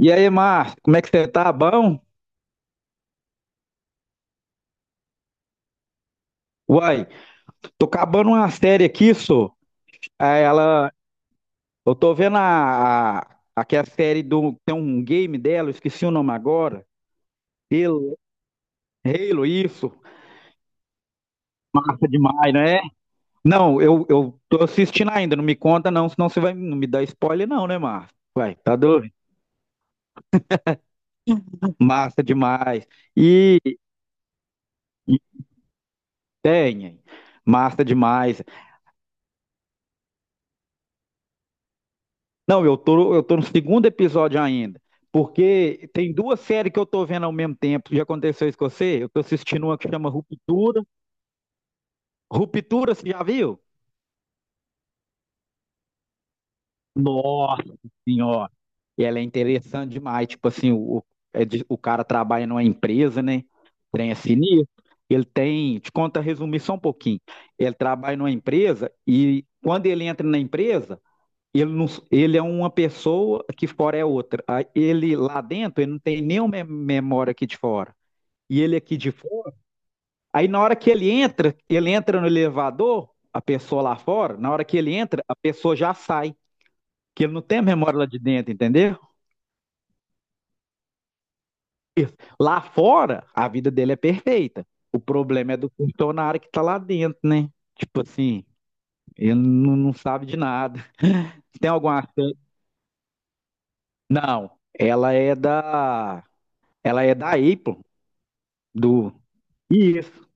E aí, Márcio, como é que você tá? Bom? Uai, tô acabando uma série aqui, só. Aí ela. Eu tô vendo aqui a série do. Tem um game dela, eu esqueci o nome agora. Halo, Halo, isso. Nossa, demais, não é? Não, eu tô assistindo ainda, não me conta não, senão você vai não me dar spoiler, não, né, Márcio? Uai, tá doido? Massa demais. E, e Tem, hein? Massa demais. Não, eu tô no segundo episódio ainda. Porque tem duas séries que eu tô vendo ao mesmo tempo. Já aconteceu isso com você? Eu tô assistindo uma que chama Ruptura. Ruptura, você já viu? Nossa Senhora! E ela é interessante demais. Tipo assim, o é de- o cara trabalha numa empresa, né? Trem é sinistro. Ele tem, te conta resumir só um pouquinho. Ele trabalha numa empresa e quando ele entra na empresa. Ele, não, ele é uma pessoa que fora é outra. Aí ele lá dentro, ele não tem nenhuma memória aqui de fora. E ele aqui de fora. Aí na hora que ele entra no elevador, a pessoa lá fora, na hora que ele entra, a pessoa já sai. Que ele não tem a memória lá de dentro, entendeu? Lá fora, a vida dele é perfeita. O problema é do funcionário que tá lá dentro, né? Tipo assim, ele não sabe de nada. Tem alguma. Não, ela é da. Ela é da Apple, do. Isso,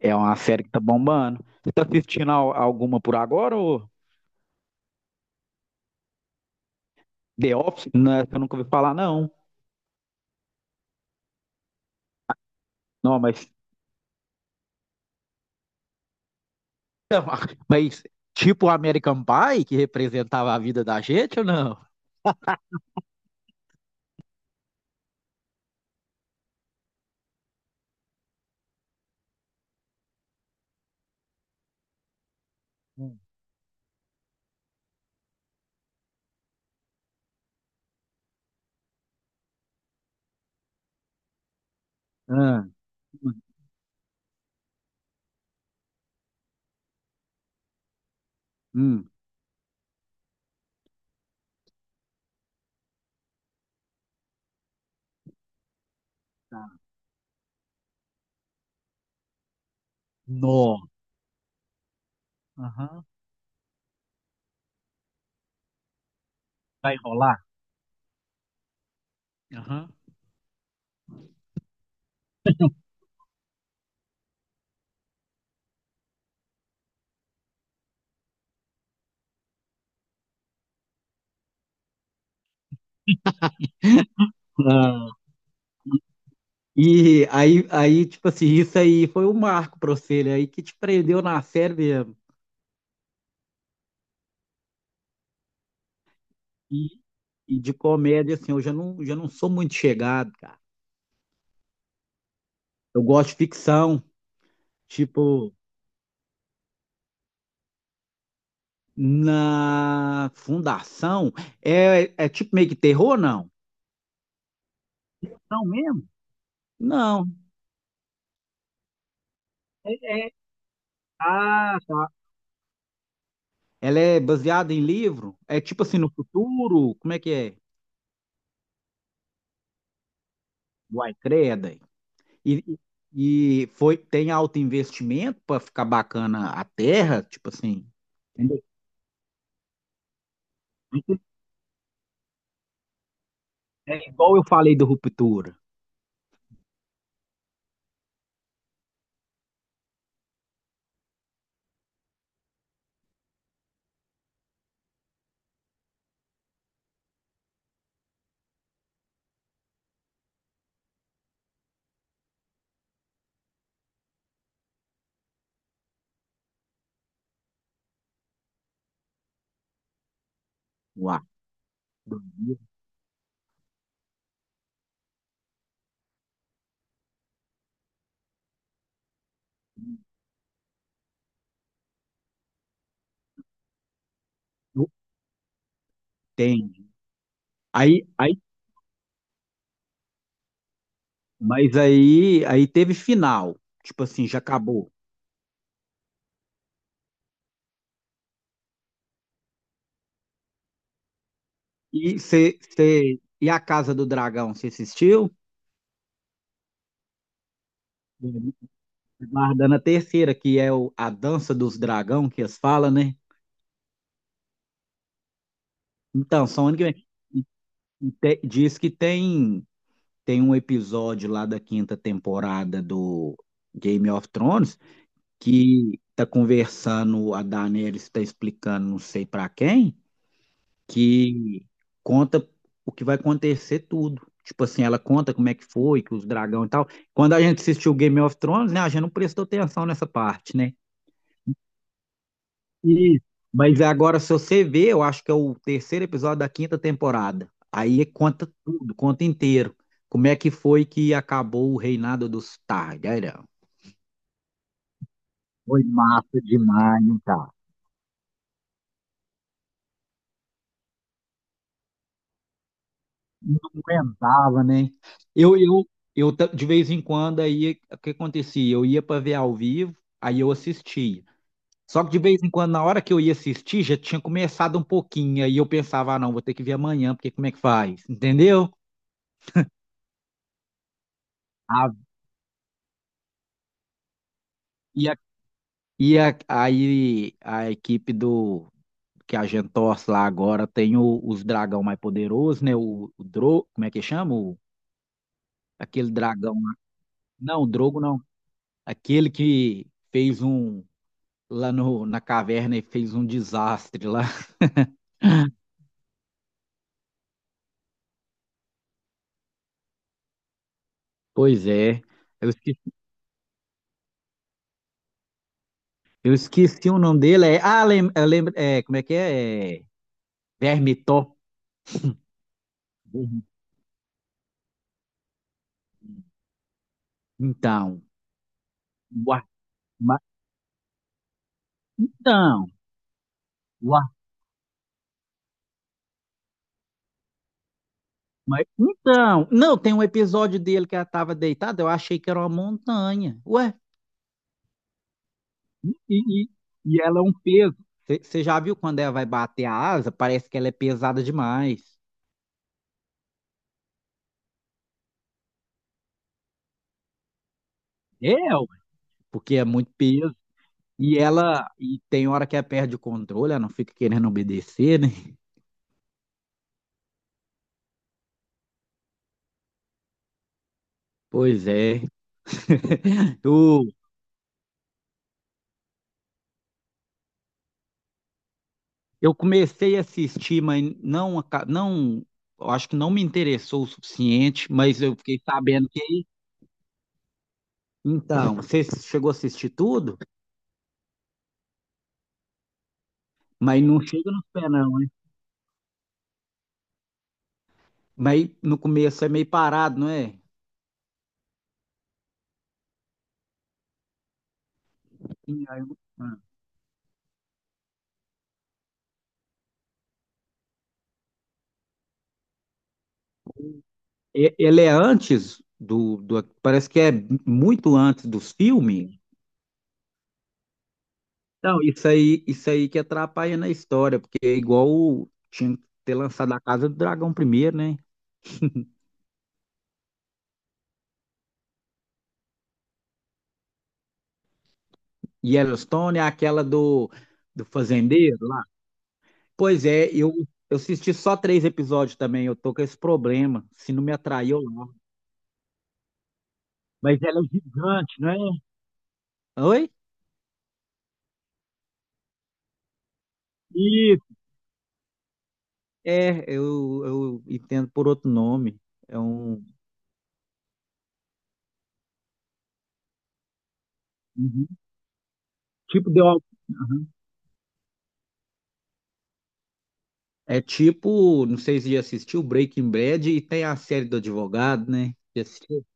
é uma série que tá bombando. Você tá assistindo al- alguma por agora ou The Office? Não, essa eu nunca ouvi falar, não. Não, mas, mas tipo o American Pie, que representava a vida da gente ou não? Hum, hum, hum. Tá. Nó. Aham. Vai rolar? Aham. Ah, e aí, aí, tipo assim, isso aí foi um marco pra você, né? Aí que te prendeu na série mesmo. E, de comédia, assim, eu já não sou muito chegado, cara. Eu gosto de ficção. Tipo, na fundação, é, é tipo meio que terror, não? Não mesmo? Não. É, é. Ah, tá. Ela é baseada em livro? É tipo assim, no futuro? Como é que é? Uai, creda, hein? E, Foi, tem alto investimento para ficar bacana a terra? Tipo assim, entendeu? É igual eu falei do Ruptura. Uai, do livro, tem. Aí, aí, mas aí, aí teve final. Tipo assim, já acabou. E, cê, cê- e a Casa do Dragão, você assistiu? Guardando a terceira, que é o, a Dança dos Dragão, que eles falam, né? Então, só onde que vem. E te- diz que tem, tem um episódio lá da quinta temporada do Game of Thrones que tá conversando, a Daenerys está explicando não sei pra quem, que conta o que vai acontecer tudo. Tipo assim, ela conta como é que foi, que os dragão e tal. Quando a gente assistiu Game of Thrones, né, a gente não prestou atenção nessa parte, né? E mas agora, se você ver, eu acho que é o terceiro episódio da quinta temporada. Aí conta tudo, conta inteiro. Como é que foi que acabou o reinado dos Targaryen? Foi massa demais, hein, cara? Não aguentava, né? Eu, eu, eu ta- de vez em quando aí o que acontecia? Eu ia para ver ao vivo, aí eu assistia. Só que de vez em quando, na hora que eu ia assistir, já tinha começado um pouquinho, aí eu pensava, ah, não, vou ter que ver amanhã, porque como é que faz? Entendeu? A- e a, aí a equipe do que a gente torce lá agora tem o- os dragão mais poderosos, né? O Dro, como é que chama? O- aquele dragão. Não, o Drogo não. Aquele que fez um lá no, na caverna e fez um desastre lá. Pois é. Eu esqueci, eu esqueci o nome dele. É, ah, lem, eu lembro. É, como é que é? É, Vermitó. Vermi- então. O Ar- Ma- então. O Ar- Ma- então. Não, tem um episódio dele que ela estava deitada. Eu achei que era uma montanha. Ué. E, e, e ela é um peso. Você já viu quando ela vai bater a asa? Parece que ela é pesada demais. É, ué, porque é muito peso. E ela, e tem hora que ela perde o controle, ela não fica querendo obedecer, né? Pois é. Eu, eu comecei a assistir, mas não, aca- não, eu acho que não me interessou o suficiente, mas eu fiquei sabendo que. Então, você chegou a assistir tudo, mas não chega nos pés, não, hein? Mas no começo é meio parado, não é? Sim, aí eu- ah. E- ele é antes do, do. Parece que é muito antes dos filmes. Não, isso aí que atrapalha na história, porque é igual o- tinha que ter lançado a Casa do Dragão primeiro, né? Yellowstone é aquela do, do fazendeiro lá. Pois é, eu assisti só três episódios também, eu tô com esse problema, se não me atraiu lá. Mas ela é gigante, não é? Oi? Isso. É, eu entendo por outro nome. É um. Uhum. Tipo de. Uhum. É tipo, não sei se já assistiu Breaking Bad e tem a série do advogado, né? Já assistiu?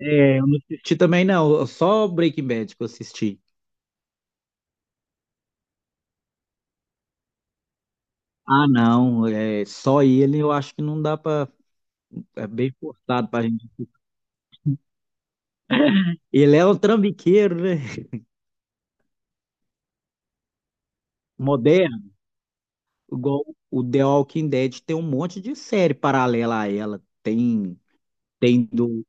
É, eu não assisti também, não. Só Breaking Bad que eu assisti. Ah, não. É, só ele eu acho que não dá pra. É bem forçado pra gente. Ele é um trambiqueiro, né? Moderno. Igual o The Walking Dead tem um monte de série paralela a ela. Tem, tem do.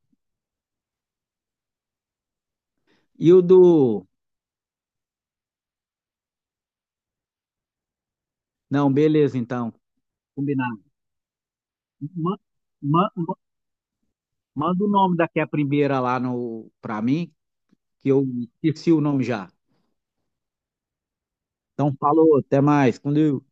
E o do. Não, beleza, então. Combinado. Ma- ma- ma- Manda o nome daquela primeira lá no... pra mim, que eu esqueci o nome já. Então, falou, até mais. Quando